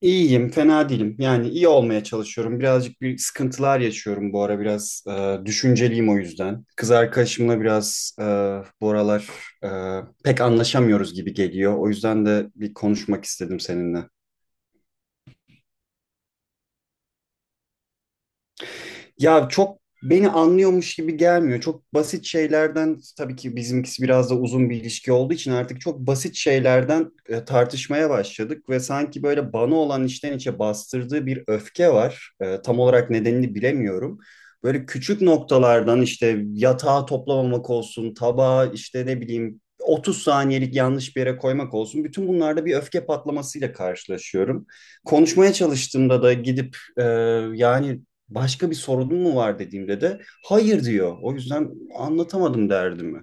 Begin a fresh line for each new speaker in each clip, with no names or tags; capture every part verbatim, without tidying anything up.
İyiyim, fena değilim. Yani iyi olmaya çalışıyorum. Birazcık bir sıkıntılar yaşıyorum bu ara. Biraz e, düşünceliyim o yüzden. Kız arkadaşımla biraz e, bu aralar e, pek anlaşamıyoruz gibi geliyor. O yüzden de bir konuşmak istedim seninle. Ya çok beni anlıyormuş gibi gelmiyor. Çok basit şeylerden tabii ki bizimkisi biraz da uzun bir ilişki olduğu için artık çok basit şeylerden e, tartışmaya başladık ve sanki böyle bana olan içten içe bastırdığı bir öfke var. E, tam olarak nedenini bilemiyorum. Böyle küçük noktalardan işte yatağı toplamamak olsun, tabağı işte ne bileyim otuz saniyelik yanlış bir yere koymak olsun. Bütün bunlarda bir öfke patlamasıyla karşılaşıyorum. Konuşmaya çalıştığımda da gidip e, yani başka bir sorunun mu var dediğimde de hayır diyor. O yüzden anlatamadım derdimi.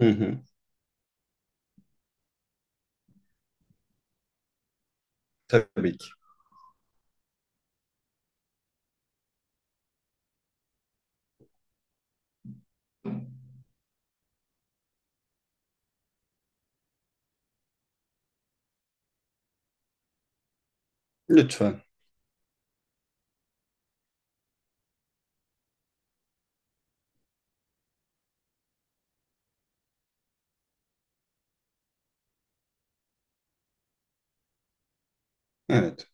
Hı hı. Tabii ki. Lütfen. Evet.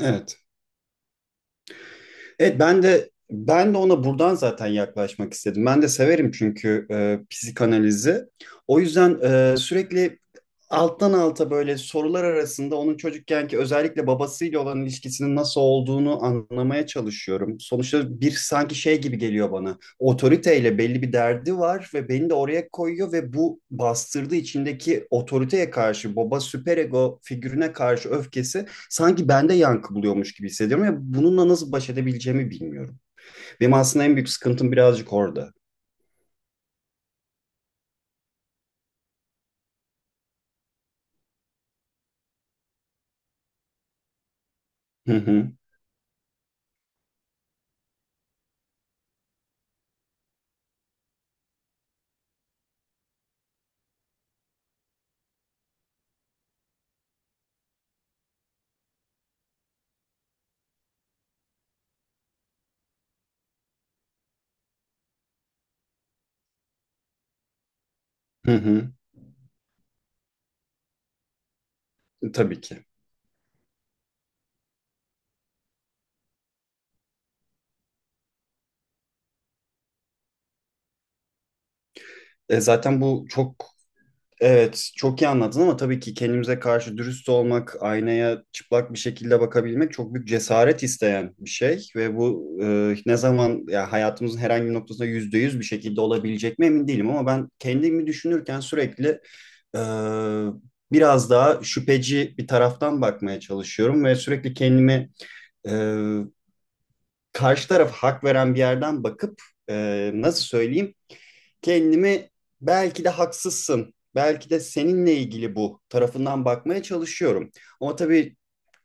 Evet. Evet ben de ben de ona buradan zaten yaklaşmak istedim. Ben de severim çünkü e, psikanalizi. O yüzden e, sürekli alttan alta böyle sorular arasında onun çocukkenki özellikle babasıyla olan ilişkisinin nasıl olduğunu anlamaya çalışıyorum. Sonuçta bir sanki şey gibi geliyor bana. Otoriteyle belli bir derdi var ve beni de oraya koyuyor ve bu bastırdığı içindeki otoriteye karşı baba süperego figürüne karşı öfkesi sanki bende yankı buluyormuş gibi hissediyorum ve bununla nasıl baş edebileceğimi bilmiyorum. Benim aslında en büyük sıkıntım birazcık orada. Hı hı, hı hı, tabii ki. E zaten bu çok. Evet, çok iyi anladın ama tabii ki kendimize karşı dürüst olmak, aynaya çıplak bir şekilde bakabilmek çok büyük cesaret isteyen bir şey ve bu e, ne zaman ya hayatımızın herhangi bir noktasında yüzde yüz bir şekilde olabilecek mi emin değilim ama ben kendimi düşünürken sürekli e, biraz daha şüpheci bir taraftan bakmaya çalışıyorum ve sürekli kendimi e, karşı taraf hak veren bir yerden bakıp e, nasıl söyleyeyim? Kendimi belki de haksızsın, belki de seninle ilgili bu tarafından bakmaya çalışıyorum. Ama tabii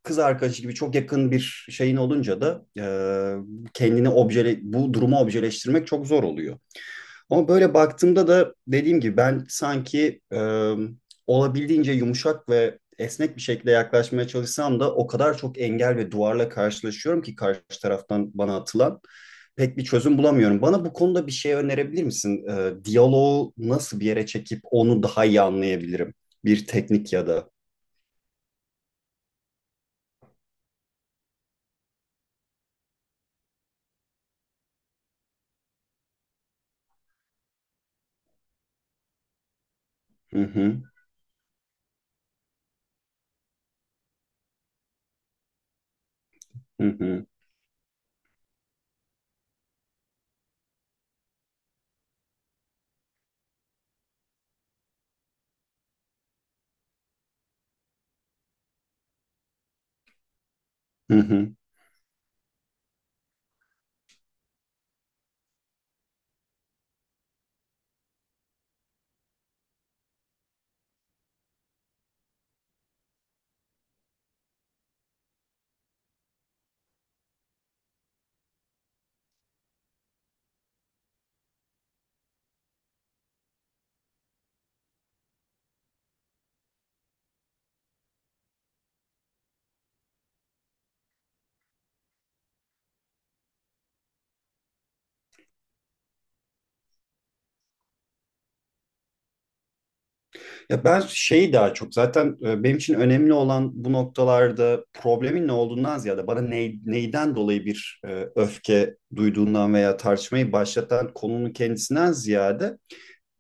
kız arkadaşı gibi çok yakın bir şeyin olunca da e, kendini objele, bu durumu objeleştirmek çok zor oluyor. Ama böyle baktığımda da dediğim gibi ben sanki e, olabildiğince yumuşak ve esnek bir şekilde yaklaşmaya çalışsam da o kadar çok engel ve duvarla karşılaşıyorum ki karşı taraftan bana atılan pek bir çözüm bulamıyorum. Bana bu konuda bir şey önerebilir misin? E, diyaloğu nasıl bir yere çekip onu daha iyi anlayabilirim? Bir teknik ya da. Hı hı, hı hı, hı hı. Ya ben şeyi daha çok zaten e, benim için önemli olan bu noktalarda problemin ne olduğundan ziyade bana ney- neyden dolayı bir e, öfke duyduğundan veya tartışmayı başlatan konunun kendisinden ziyade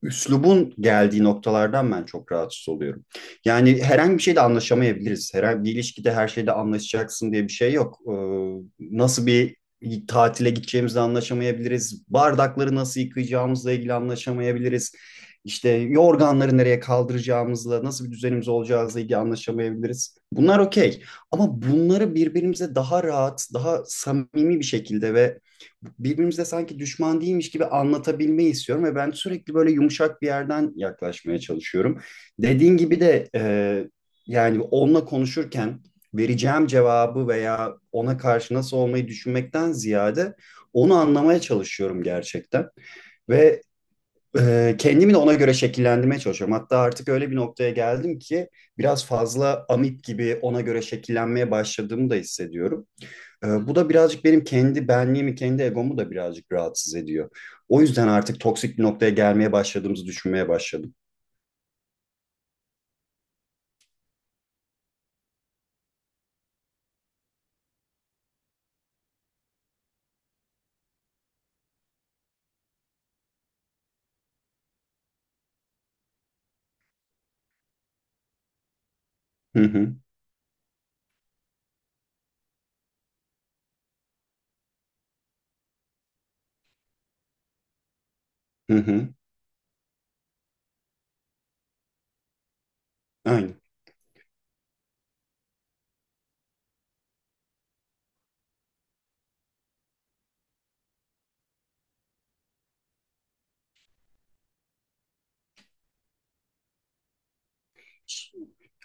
üslubun geldiği noktalardan ben çok rahatsız oluyorum. Yani herhangi bir şeyde anlaşamayabiliriz. Herhangi bir ilişkide her şeyde anlaşacaksın diye bir şey yok. Ee, nasıl bir tatile gideceğimizle anlaşamayabiliriz. Bardakları nasıl yıkayacağımızla ilgili anlaşamayabiliriz. İşte yorganları nereye kaldıracağımızla, nasıl bir düzenimiz olacağımızla ilgili anlaşamayabiliriz. Bunlar okey. Ama bunları birbirimize daha rahat, daha samimi bir şekilde ve birbirimize sanki düşman değilmiş gibi anlatabilmeyi istiyorum ve ben sürekli böyle yumuşak bir yerden yaklaşmaya çalışıyorum. Dediğin gibi de e, yani onunla konuşurken vereceğim cevabı veya ona karşı nasıl olmayı düşünmekten ziyade onu anlamaya çalışıyorum gerçekten. Ve e, kendimi de ona göre şekillendirmeye çalışıyorum. Hatta artık öyle bir noktaya geldim ki biraz fazla amip gibi ona göre şekillenmeye başladığımı da hissediyorum. Ee, bu da birazcık benim kendi benliğimi, kendi egomu da birazcık rahatsız ediyor. O yüzden artık toksik bir noktaya gelmeye başladığımızı düşünmeye başladım. Hı hı, hı hı, aynen.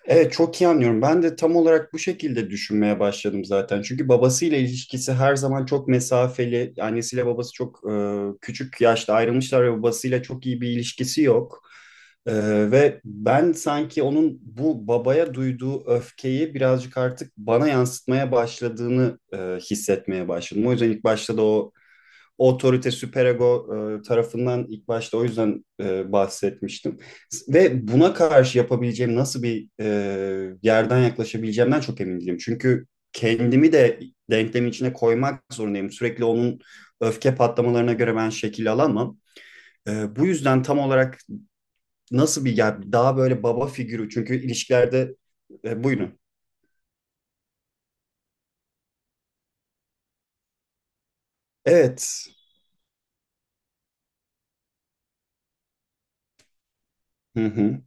Evet çok iyi anlıyorum. Ben de tam olarak bu şekilde düşünmeye başladım zaten. Çünkü babasıyla ilişkisi her zaman çok mesafeli. Annesiyle babası çok e, küçük yaşta ayrılmışlar ve babasıyla çok iyi bir ilişkisi yok. Ee, Ve ben sanki onun bu babaya duyduğu öfkeyi birazcık artık bana yansıtmaya başladığını e, hissetmeye başladım. O yüzden ilk başta da o otorite süperego e, tarafından ilk başta o yüzden e, bahsetmiştim. Ve buna karşı yapabileceğim nasıl bir e, yerden yaklaşabileceğimden çok emin değilim. Çünkü kendimi de denklemin içine koymak zorundayım. Sürekli onun öfke patlamalarına göre ben şekil alamam. Ee, bu yüzden tam olarak nasıl bir yani daha böyle baba figürü çünkü ilişkilerde e, buyurun. Evet. Hı hı.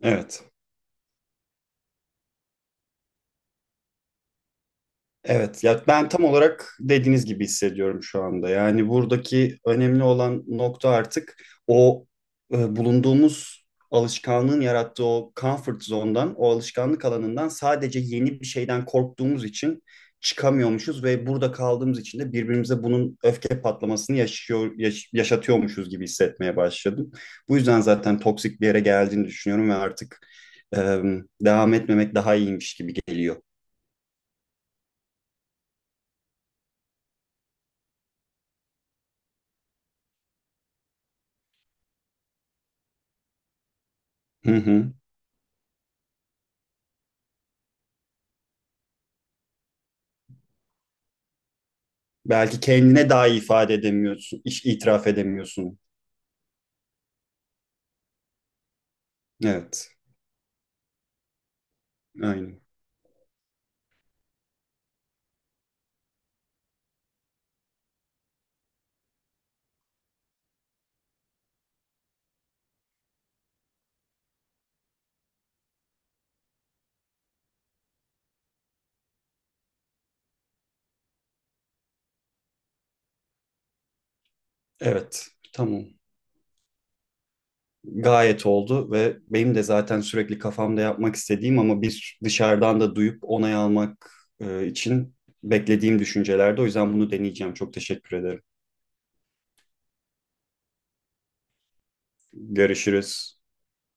Evet. Evet, ya ben tam olarak dediğiniz gibi hissediyorum şu anda. Yani buradaki önemli olan nokta artık o e, bulunduğumuz alışkanlığın yarattığı o comfort zone'dan, o alışkanlık alanından sadece yeni bir şeyden korktuğumuz için çıkamıyormuşuz ve burada kaldığımız için de birbirimize bunun öfke patlamasını yaşıyor, yaş- yaşatıyormuşuz gibi hissetmeye başladım. Bu yüzden zaten toksik bir yere geldiğini düşünüyorum ve artık e, devam etmemek daha iyiymiş gibi geliyor. Hı hı. Belki kendine daha iyi ifade edemiyorsun, iş itiraf edemiyorsun. Evet, aynen. Evet, tamam. Gayet oldu ve benim de zaten sürekli kafamda yapmak istediğim ama bir dışarıdan da duyup onay almak e, için beklediğim düşüncelerde. O yüzden bunu deneyeceğim. Çok teşekkür ederim. Görüşürüz.